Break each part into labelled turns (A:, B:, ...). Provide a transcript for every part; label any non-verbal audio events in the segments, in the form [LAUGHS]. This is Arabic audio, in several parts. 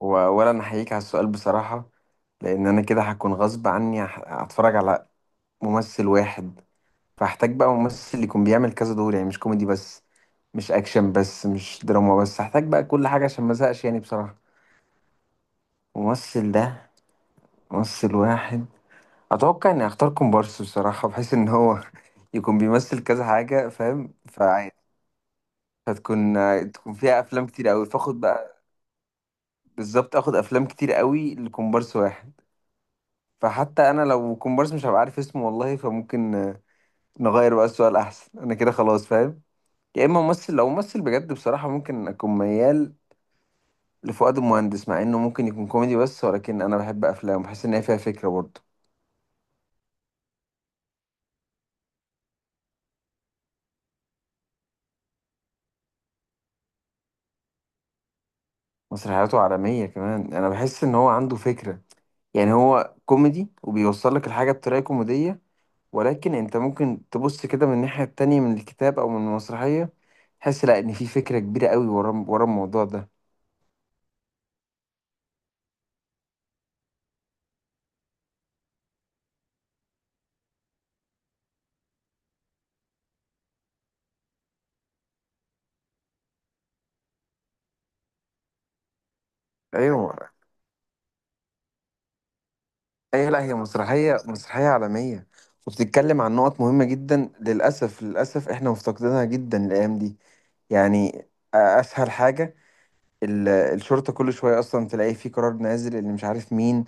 A: وأولا أنا أحييك على السؤال بصراحة، لأن أنا كده هكون غصب عني هتفرج على ممثل واحد. فهحتاج بقى ممثل يكون بيعمل كذا دور، يعني مش كوميدي بس، مش أكشن بس، مش دراما بس، هحتاج بقى كل حاجة عشان ما أزهقش، يعني بصراحة ممثل ده، ممثل واحد. أتوقع إني أختار كومبارس بصراحة، بحيث إن هو [LAUGHS] يكون بيمثل كذا حاجة، فاهم؟ فعادي هتكون تكون فيها أفلام كتير أوي، فاخد بقى بالظبط آخد أفلام كتير أوي لكومبارس واحد. فحتى انا لو كومبارس مش هبقى عارف اسمه والله، فممكن نغير بقى السؤال احسن، انا كده خلاص فاهم. يا اما ممثل، لو ممثل بجد بصراحة، ممكن اكون ميال لفؤاد المهندس، مع انه ممكن يكون كوميدي بس، ولكن انا بحب افلامه، بحس ان هي فيها فكرة برضه. مسرحياته عالمية كمان، انا بحس ان هو عنده فكرة. يعني هو كوميدي وبيوصل لك الحاجة بطريقة كوميدية، ولكن انت ممكن تبص كده من الناحية التانية، من الكتاب او من المسرحية، تحس لا ان في فكرة كبيرة قوي ورا الموضوع ده. ايوه. ايه، لا هي مسرحية عالمية، وبتتكلم عن نقط مهمة جدا. للأسف للأسف احنا مفتقدينها جدا الأيام دي. يعني أسهل حاجة، الشرطة كل شوية أصلا تلاقي في قرار نازل اللي مش عارف مين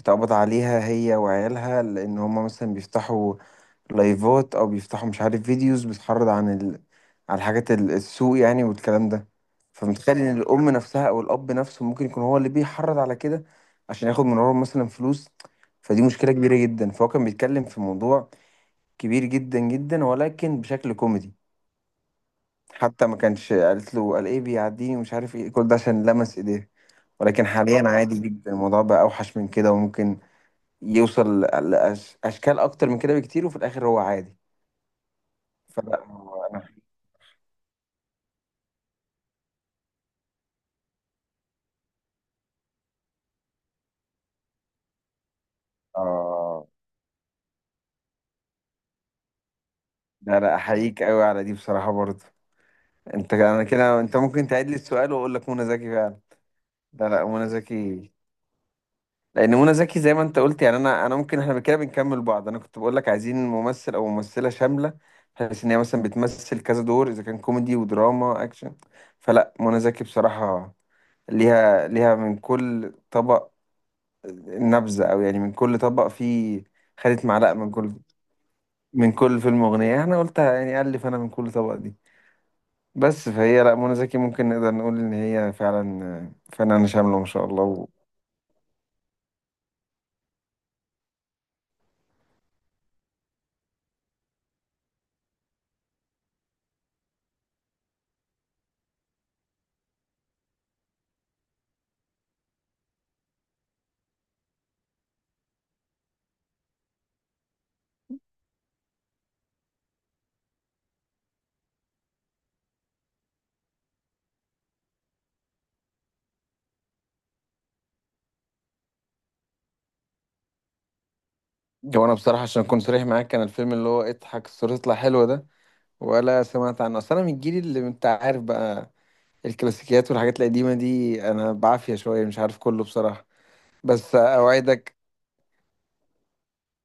A: اتقبض عليها هي وعيالها، لأن هما مثلا بيفتحوا لايفات او بيفتحوا مش عارف فيديوز بتحرض عن عن حاجات السوق يعني، والكلام ده. فمتخيل ان الام نفسها او الاب نفسه ممكن يكون هو اللي بيحرض على كده، عشان ياخد من وراهم مثلا فلوس. فدي مشكلة كبيرة جدا. فهو كان بيتكلم في موضوع كبير جدا جدا، ولكن بشكل كوميدي. حتى ما كانش قالت له قال ايه بيعديني، ومش عارف ايه كل ده عشان لمس ايديه. ولكن حاليا عادي جدا الموضوع، بقى اوحش من كده، وممكن يوصل اشكال اكتر من كده بكتير، وفي الاخر هو عادي. فلا. اه. ده لا احييك قوي على دي بصراحة برضه. انت انا كده، انت ممكن تعيد لي السؤال واقول لك منى زكي فعلا. لا لا، منى زكي، لان منى زكي زي ما انت قلت، يعني انا ممكن احنا كده بنكمل بعض. انا كنت بقول لك عايزين ممثل او ممثلة شاملة، بحيث ان هي مثلا بتمثل كذا دور، اذا كان كوميدي ودراما اكشن. فلا، منى زكي بصراحة ليها من كل طبق نبذة، او يعني من كل طبق فيه خدت معلقة. من كل، من كل فيلم أغنية، انا قلتها يعني، ألف، انا من كل طبق دي بس. فهي لا، منى زكي ممكن نقدر نقول ان هي فعلا فنانة شاملة ما شاء الله. و... وانا بصراحة عشان اكون صريح معاك، كان الفيلم اللي هو اضحك الصورة تطلع حلوة ده، ولا سمعت عنه. اصل انا من الجيل اللي انت عارف بقى، الكلاسيكيات والحاجات القديمة دي انا بعافية شوية، مش عارف كله بصراحة. بس اوعدك،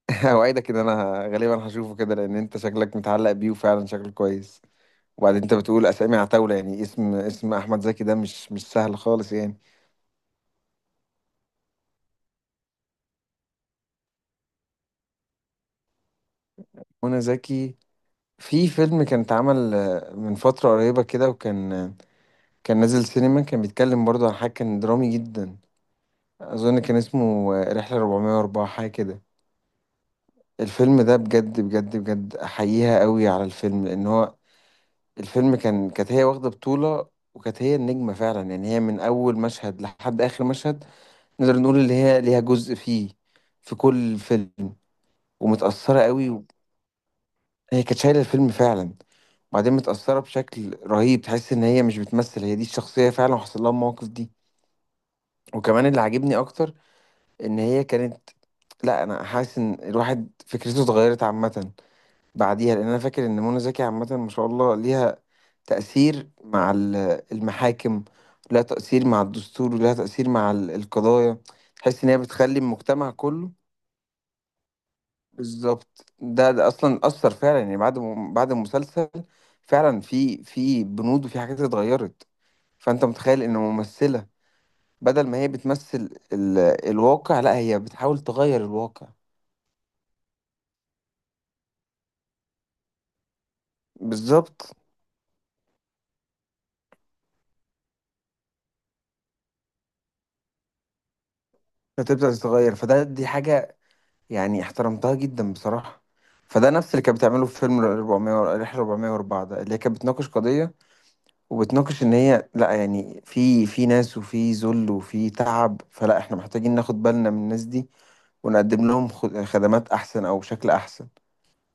A: [LAUGHS] اوعدك ان انا غالبا هشوفه كده، لان انت شكلك متعلق بيه، وفعلا شكله كويس. وبعدين انت بتقول اسامي عتاولة، يعني اسم احمد زكي ده مش سهل خالص يعني. منى زكي في فيلم كان اتعمل من فترة قريبة كده، وكان كان نازل سينما، كان بيتكلم برضه عن حاجة، كان درامي جدا. أظن كان اسمه رحلة 404 حاجة كده. الفيلم ده بجد بجد بجد أحييها قوي على الفيلم، لأن هو الفيلم كان، كانت هي واخدة بطولة، وكانت هي النجمة فعلا. يعني هي من أول مشهد لحد آخر مشهد، نقدر نقول اللي هي ليها جزء فيه في كل فيلم. ومتأثرة قوي. هي كانت شايله الفيلم فعلا، وبعدين متاثره بشكل رهيب، تحس ان هي مش بتمثل، هي دي الشخصيه فعلا، وحصل لها المواقف دي. وكمان اللي عاجبني اكتر، ان هي كانت، لا انا حاسس ان الواحد فكرته اتغيرت عامه بعديها. لان انا فاكر ان منى زكي عامه ما شاء الله ليها تأثير مع المحاكم، لها تأثير مع الدستور، ولها تأثير مع القضايا. تحس إن هي بتخلي المجتمع كله، بالظبط. ده اصلا اثر فعلا، يعني بعد بعد المسلسل فعلا في بنود وفي حاجات اتغيرت. فانت متخيل ان ممثله بدل ما هي بتمثل الواقع، لا هي بتحاول تغير الواقع. بالظبط، فتبدا تتغير، فده دي حاجه يعني احترمتها جدا بصراحه. فده نفس اللي كانت بتعمله في فيلم رحله 404 ده، اللي هي كانت بتناقش قضيه، وبتناقش ان هي لا يعني في ناس، وفي ذل، وفي تعب. فلا احنا محتاجين ناخد بالنا من الناس دي، ونقدم لهم خدمات احسن، او بشكل احسن.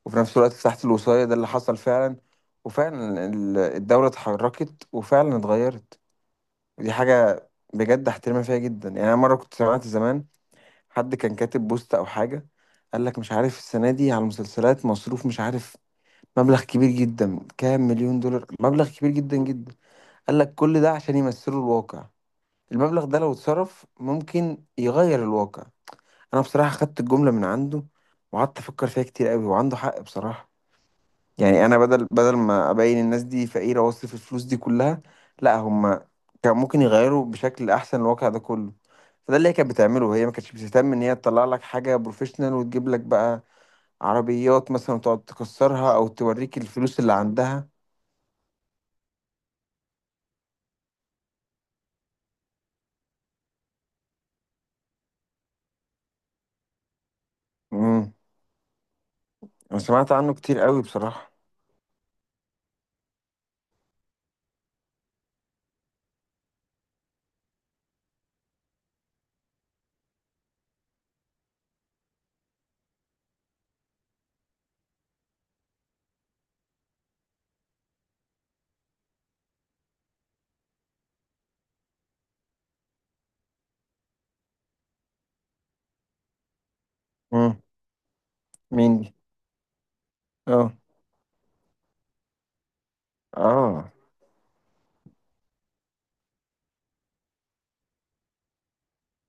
A: وفي نفس الوقت تحت الوصاية ده اللي حصل فعلا، وفعلا الدولة اتحركت وفعلا اتغيرت. ودي حاجة بجد احترمها فيها جدا. يعني انا مرة كنت سمعت زمان حد كان كاتب بوست او حاجة، قال لك مش عارف السنة دي على المسلسلات مصروف، مش عارف مبلغ كبير جدا، كام مليون دولار، مبلغ كبير جدا جدا. قال لك كل ده عشان يمثلوا الواقع، المبلغ ده لو اتصرف ممكن يغير الواقع. انا بصراحه خدت الجمله من عنده، وقعدت افكر فيها كتير قوي، وعنده حق بصراحه. يعني انا بدل ما ابين الناس دي فقيره واصرف الفلوس دي كلها، لا هم كان ممكن يغيروا بشكل احسن الواقع ده كله. فده اللي هي كانت بتعمله، هي ما كانتش بتهتم ان هي تطلع لك حاجه بروفيشنال، وتجيب لك بقى عربيات مثلا وتقعد تكسرها، او توريك الفلوس اللي عندها. امم. انا سمعت عنه كتير قوي بصراحه. امم. مين دي؟ اه، اه،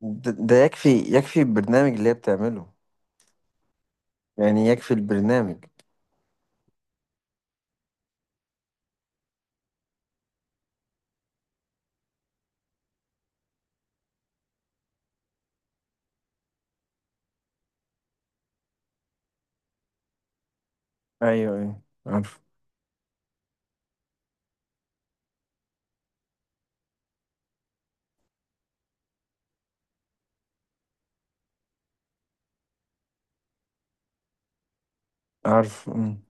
A: ده ده يكفي. يكفي البرنامج اللي هي بتعمله. يعني يكفي البرنامج. ايوه، ايوه عارف. عارف. مم.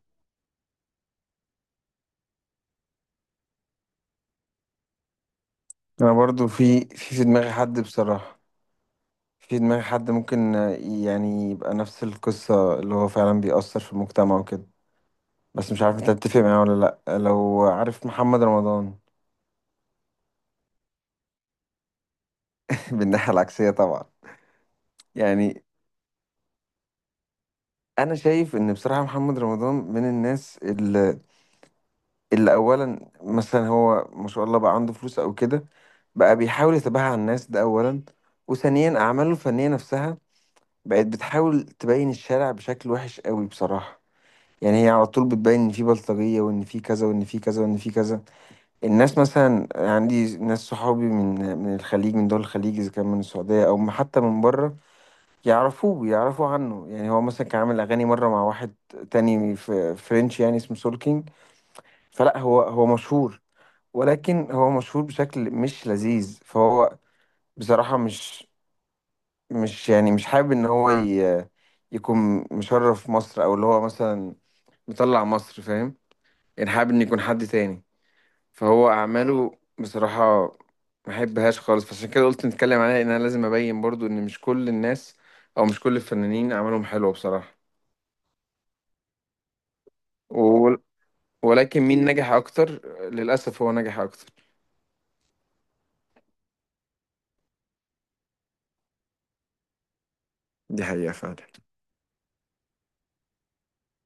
A: انا برضو في دماغي حد بصراحة. في دماغي حد ممكن يعني يبقى نفس القصة اللي هو فعلا بيأثر في المجتمع وكده. بس مش عارف انت هتتفق معايا ولا لأ، لو عارف محمد رمضان. [LAUGHS] بالناحية العكسية طبعا. يعني انا شايف ان بصراحة محمد رمضان من الناس اللي اولا مثلا هو ما شاء الله بقى عنده فلوس او كده، بقى بيحاول يتباهى على الناس، ده اولا. وثانيا اعماله الفنية نفسها بقت بتحاول تبين الشارع بشكل وحش قوي بصراحة. يعني هي على طول بتبين ان في بلطجية، وان في كذا، وان في كذا، وان في كذا. الناس مثلا، يعني عندي ناس صحابي من الخليج، من دول الخليج، اذا كان من السعودية او حتى من بره، يعرفوه، يعرفوا عنه. يعني هو مثلا كان عامل اغاني مرة مع واحد تاني في فرنش، يعني اسمه سولكينج. فلا هو، هو مشهور، ولكن هو مشهور بشكل مش لذيذ. فهو بصراحة مش يعني مش حابب ان هو يكون مشرف مصر، او اللي هو مثلا مطلع مصر، فاهم؟ يعني حابب ان يكون حد تاني. فهو اعماله بصراحة ما احبهاش خالص، فعشان كده قلت نتكلم عليها، ان انا لازم ابين برضو ان مش كل الناس، او مش كل الفنانين اعمالهم حلوة بصراحة. و... ولكن مين نجح اكتر؟ للاسف هو نجح اكتر. دي حقيقة فعلا.